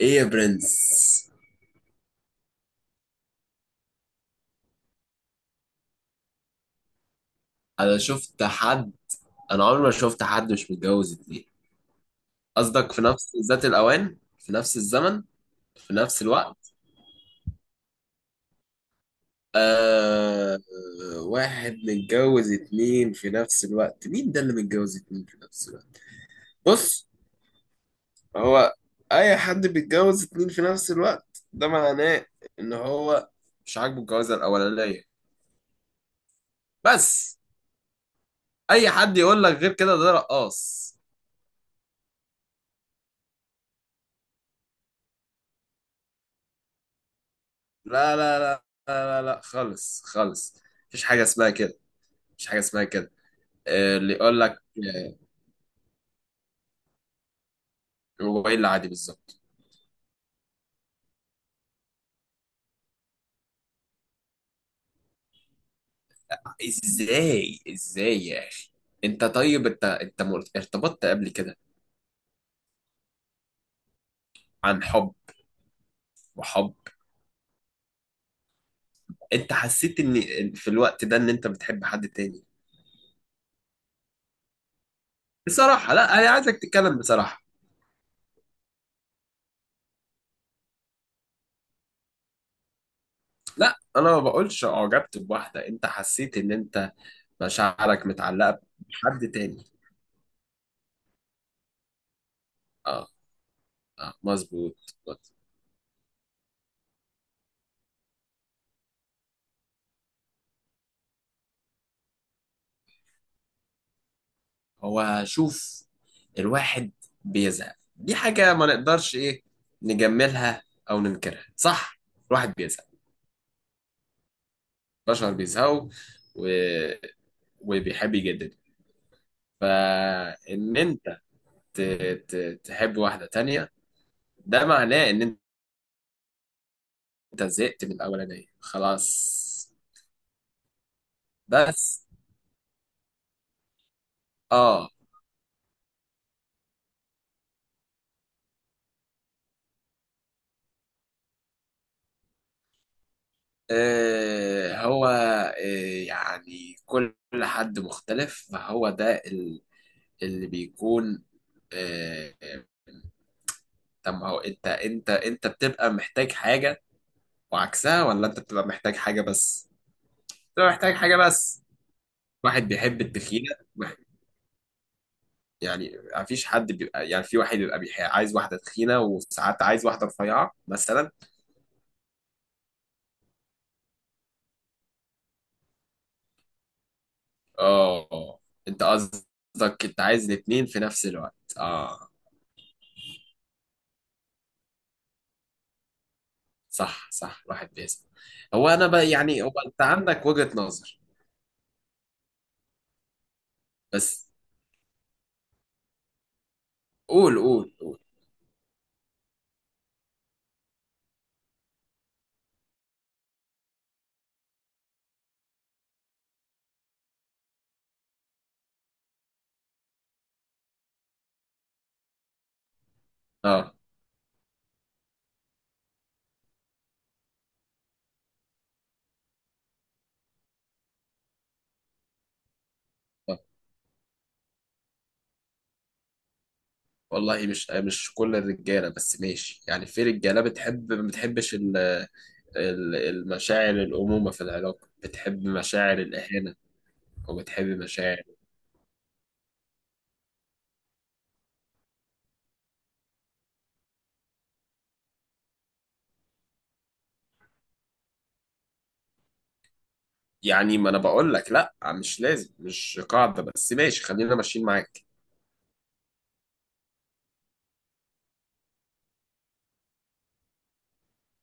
ايه يا برنس. انا شفت حد انا عمري ما شفت حد مش متجوز اتنين. قصدك في نفس ذات الاوان، في نفس الزمن، في نفس الوقت. آه... واحد متجوز اتنين في نفس الوقت؟ مين ده اللي متجوز اتنين في نفس الوقت؟ بص، هو اي حد بيتجوز اتنين في نفس الوقت ده معناه ان هو مش عاجبه الجوازة الاولانية، بس. اي حد يقول لك غير كده ده رقاص. لا لا لا، لا لا لا، خالص خالص. مفيش حاجة اسمها كده. مفيش حاجة اسمها كده. اللي يقول لك آه، الموبايل عادي بالظبط؟ ازاي يا اخي؟ انت طيب، ارتبطت قبل كده عن حب. وحب؟ انت حسيت ان في الوقت ده انت بتحب حد تاني؟ بصراحة. لا، انا عايزك تتكلم بصراحة. لا، انا ما بقولش اعجبت بواحدة، انت حسيت ان انت مشاعرك متعلقة بحد تاني؟ اه. اه، مظبوط. هو شوف، الواحد بيزهق، دي حاجة ما نقدرش ايه، نجملها او ننكرها، صح؟ الواحد بيزهق، البشر بيزهقوا، و... وبيحب يجدد، فان انت ت... ت... تحب واحدة تانية، ده معناه ان انت زهقت من الاولانية خلاص، بس. اه. آه، هو آه، يعني كل حد مختلف، فهو اللي بيكون. آه، طب ما هو انت بتبقى محتاج حاجة وعكسها، ولا انت بتبقى محتاج حاجة بس؟ بتبقى محتاج حاجة بس. واحد بيحب التخينة واحد- يعني مفيش حد بيبقى، يعني في واحد بيبقى عايز واحدة تخينة، وساعات عايز واحدة رفيعة مثلا. اه. انت قصدك انت عايز الاتنين في نفس الوقت؟ اه. صح صح، الواحد بيسأل. هو انا بقى، يعني هو انت عندك وجهة نظر، بس. قول، قول، قول. اه، والله مش كل الرجاله، بس ماشي، يعني في رجاله بتحب، ما بتحبش المشاعر الامومه في العلاقه، بتحب مشاعر الاهانه، وبتحب مشاعر. يعني ما انا بقول لك لا، مش لازم، مش قاعده، بس ماشي، خلينا ماشيين معاك.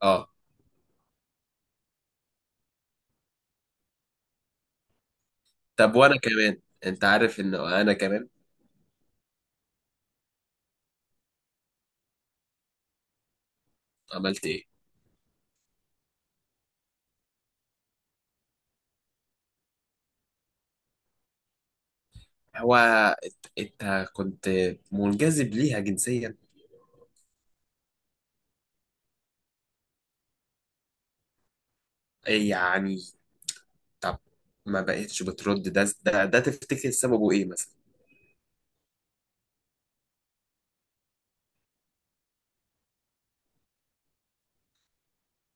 اه. طب وانا كمان، انت عارف ان انا كمان عملت ايه. هو انت كنت منجذب ليها جنسيا، يعني؟ طب، ما بقتش بترد ده، تفتكر سببه ايه مثلا؟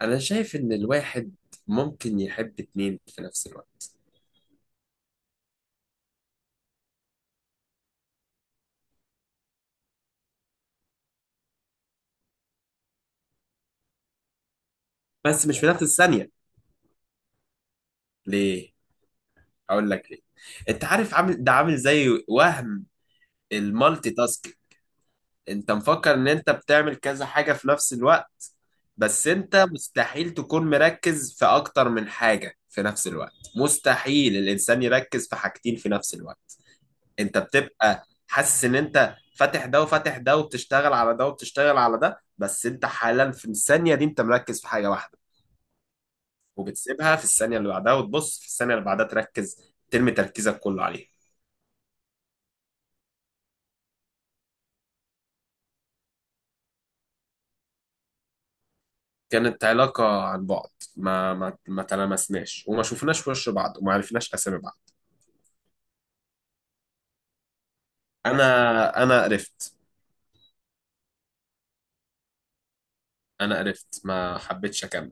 انا شايف ان الواحد ممكن يحب اتنين في نفس الوقت، بس مش في نفس الثانية. ليه؟ اقول لك ليه. انت عارف، عامل ده، عامل زي وهم المالتي تاسك، انت مفكر ان انت بتعمل كذا حاجة في نفس الوقت، بس انت مستحيل تكون مركز في اكتر من حاجة في نفس الوقت، مستحيل الانسان يركز في حاجتين في نفس الوقت. انت بتبقى حاسس ان انت فاتح ده وفاتح ده، وبتشتغل على ده وبتشتغل على ده، بس انت حالا في الثانية دي انت مركز في حاجة واحدة، وبتسيبها في الثانية اللي بعدها، وتبص في الثانية اللي بعدها تركز، ترمي تركيزك كله عليها. كانت علاقة عن بعد، ما تلامسناش، وما شفناش وش بعض، وما عرفناش أسامي بعض. أنا قرفت. أنا قرفت، ما حبيتش أكمل.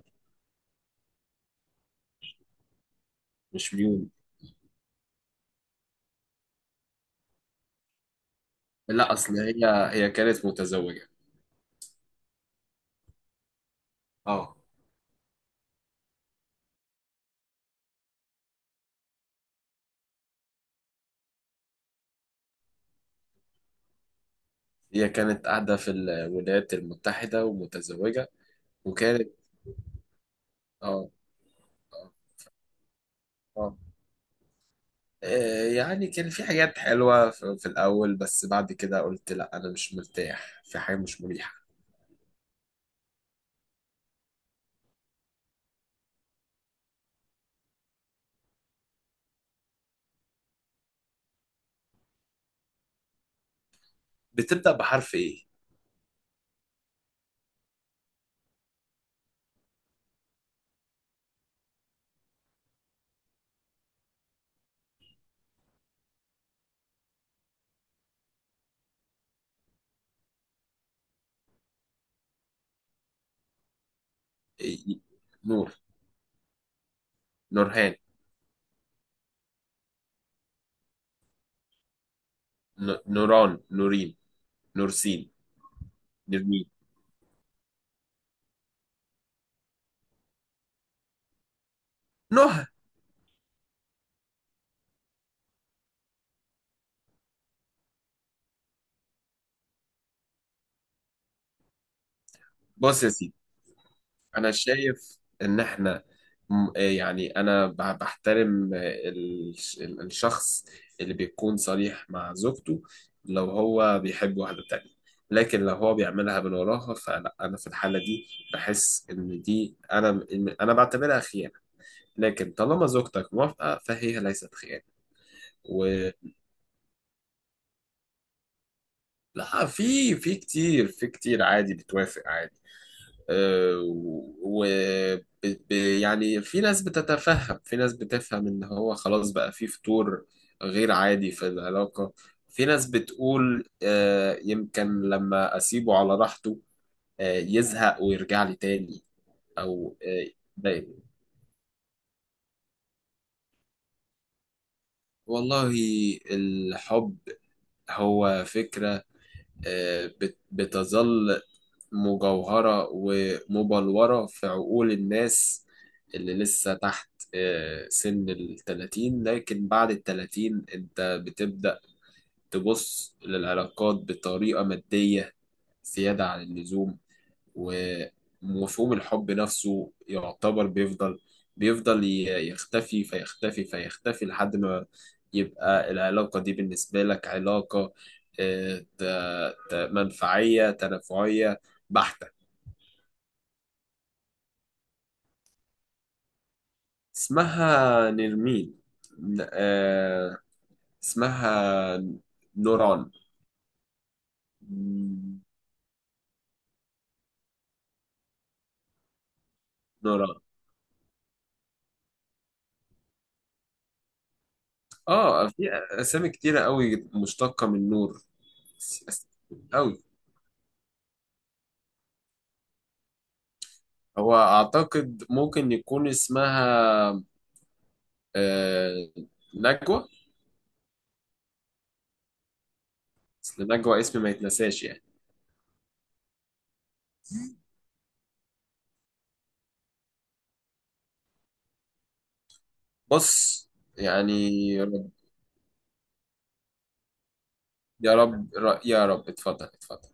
مش ميول. لا، أصل هي هي كانت متزوجة. اه. هي كانت قاعدة في الولايات المتحدة ومتزوجة، وكانت. اه. اه. آه. يعني كان في حاجات حلوة في في الأول، بس بعد كده قلت لا، أنا مش مرتاح في حاجة مش مريحة. بتبدأ بحرف إيه؟ إيه- إيه، نور؟ نورهان؟ نوران؟ نورين؟ نورسين؟ نرمين؟ نهى؟ بص يا سيدي، انا شايف ان احنا، يعني انا بحترم الشخص اللي بيكون صريح مع زوجته لو هو بيحب واحدة تانية. لكن لو هو بيعملها من وراها، فلا، انا في الحالة دي بحس ان دي، انا بعتبرها خيانة. لكن طالما زوجتك موافقة، فهي ليست خيانة. و لا، في، في كتير، في كتير عادي بتوافق عادي. آه، و يعني في ناس بتتفهم، في ناس بتفهم ان هو خلاص بقى في فتور، غير عادي في العلاقة. في ناس بتقول يمكن لما اسيبه على راحته يزهق ويرجع لي تاني. او آه، ده- والله، الحب هو فكرة بتظل مجوهرة ومبلورة في عقول الناس اللي لسه تحت سن التلاتين، لكن بعد الـ30 انت بتبدأ تبص للعلاقات بطريقة مادية زيادة عن اللزوم، ومفهوم الحب نفسه يعتبر بيفضل، بيفضل يختفي فيختفي فيختفي، لحد ما يبقى العلاقة دي بالنسبة لك علاقة منفعية، تنافعية، بحتة. اسمها نرمين. ن- آه، اسمها نوران. نوران. اه، في اسامي كتيرة قوي مشتقة من نور. أس- أس- قوي. هو اعتقد ممكن يكون اسمها آه، نجوى. اصل نجوى اسم ما يتنساش، يعني. بص، يعني. يا رب، يا رب. اتفضل، اتفضل.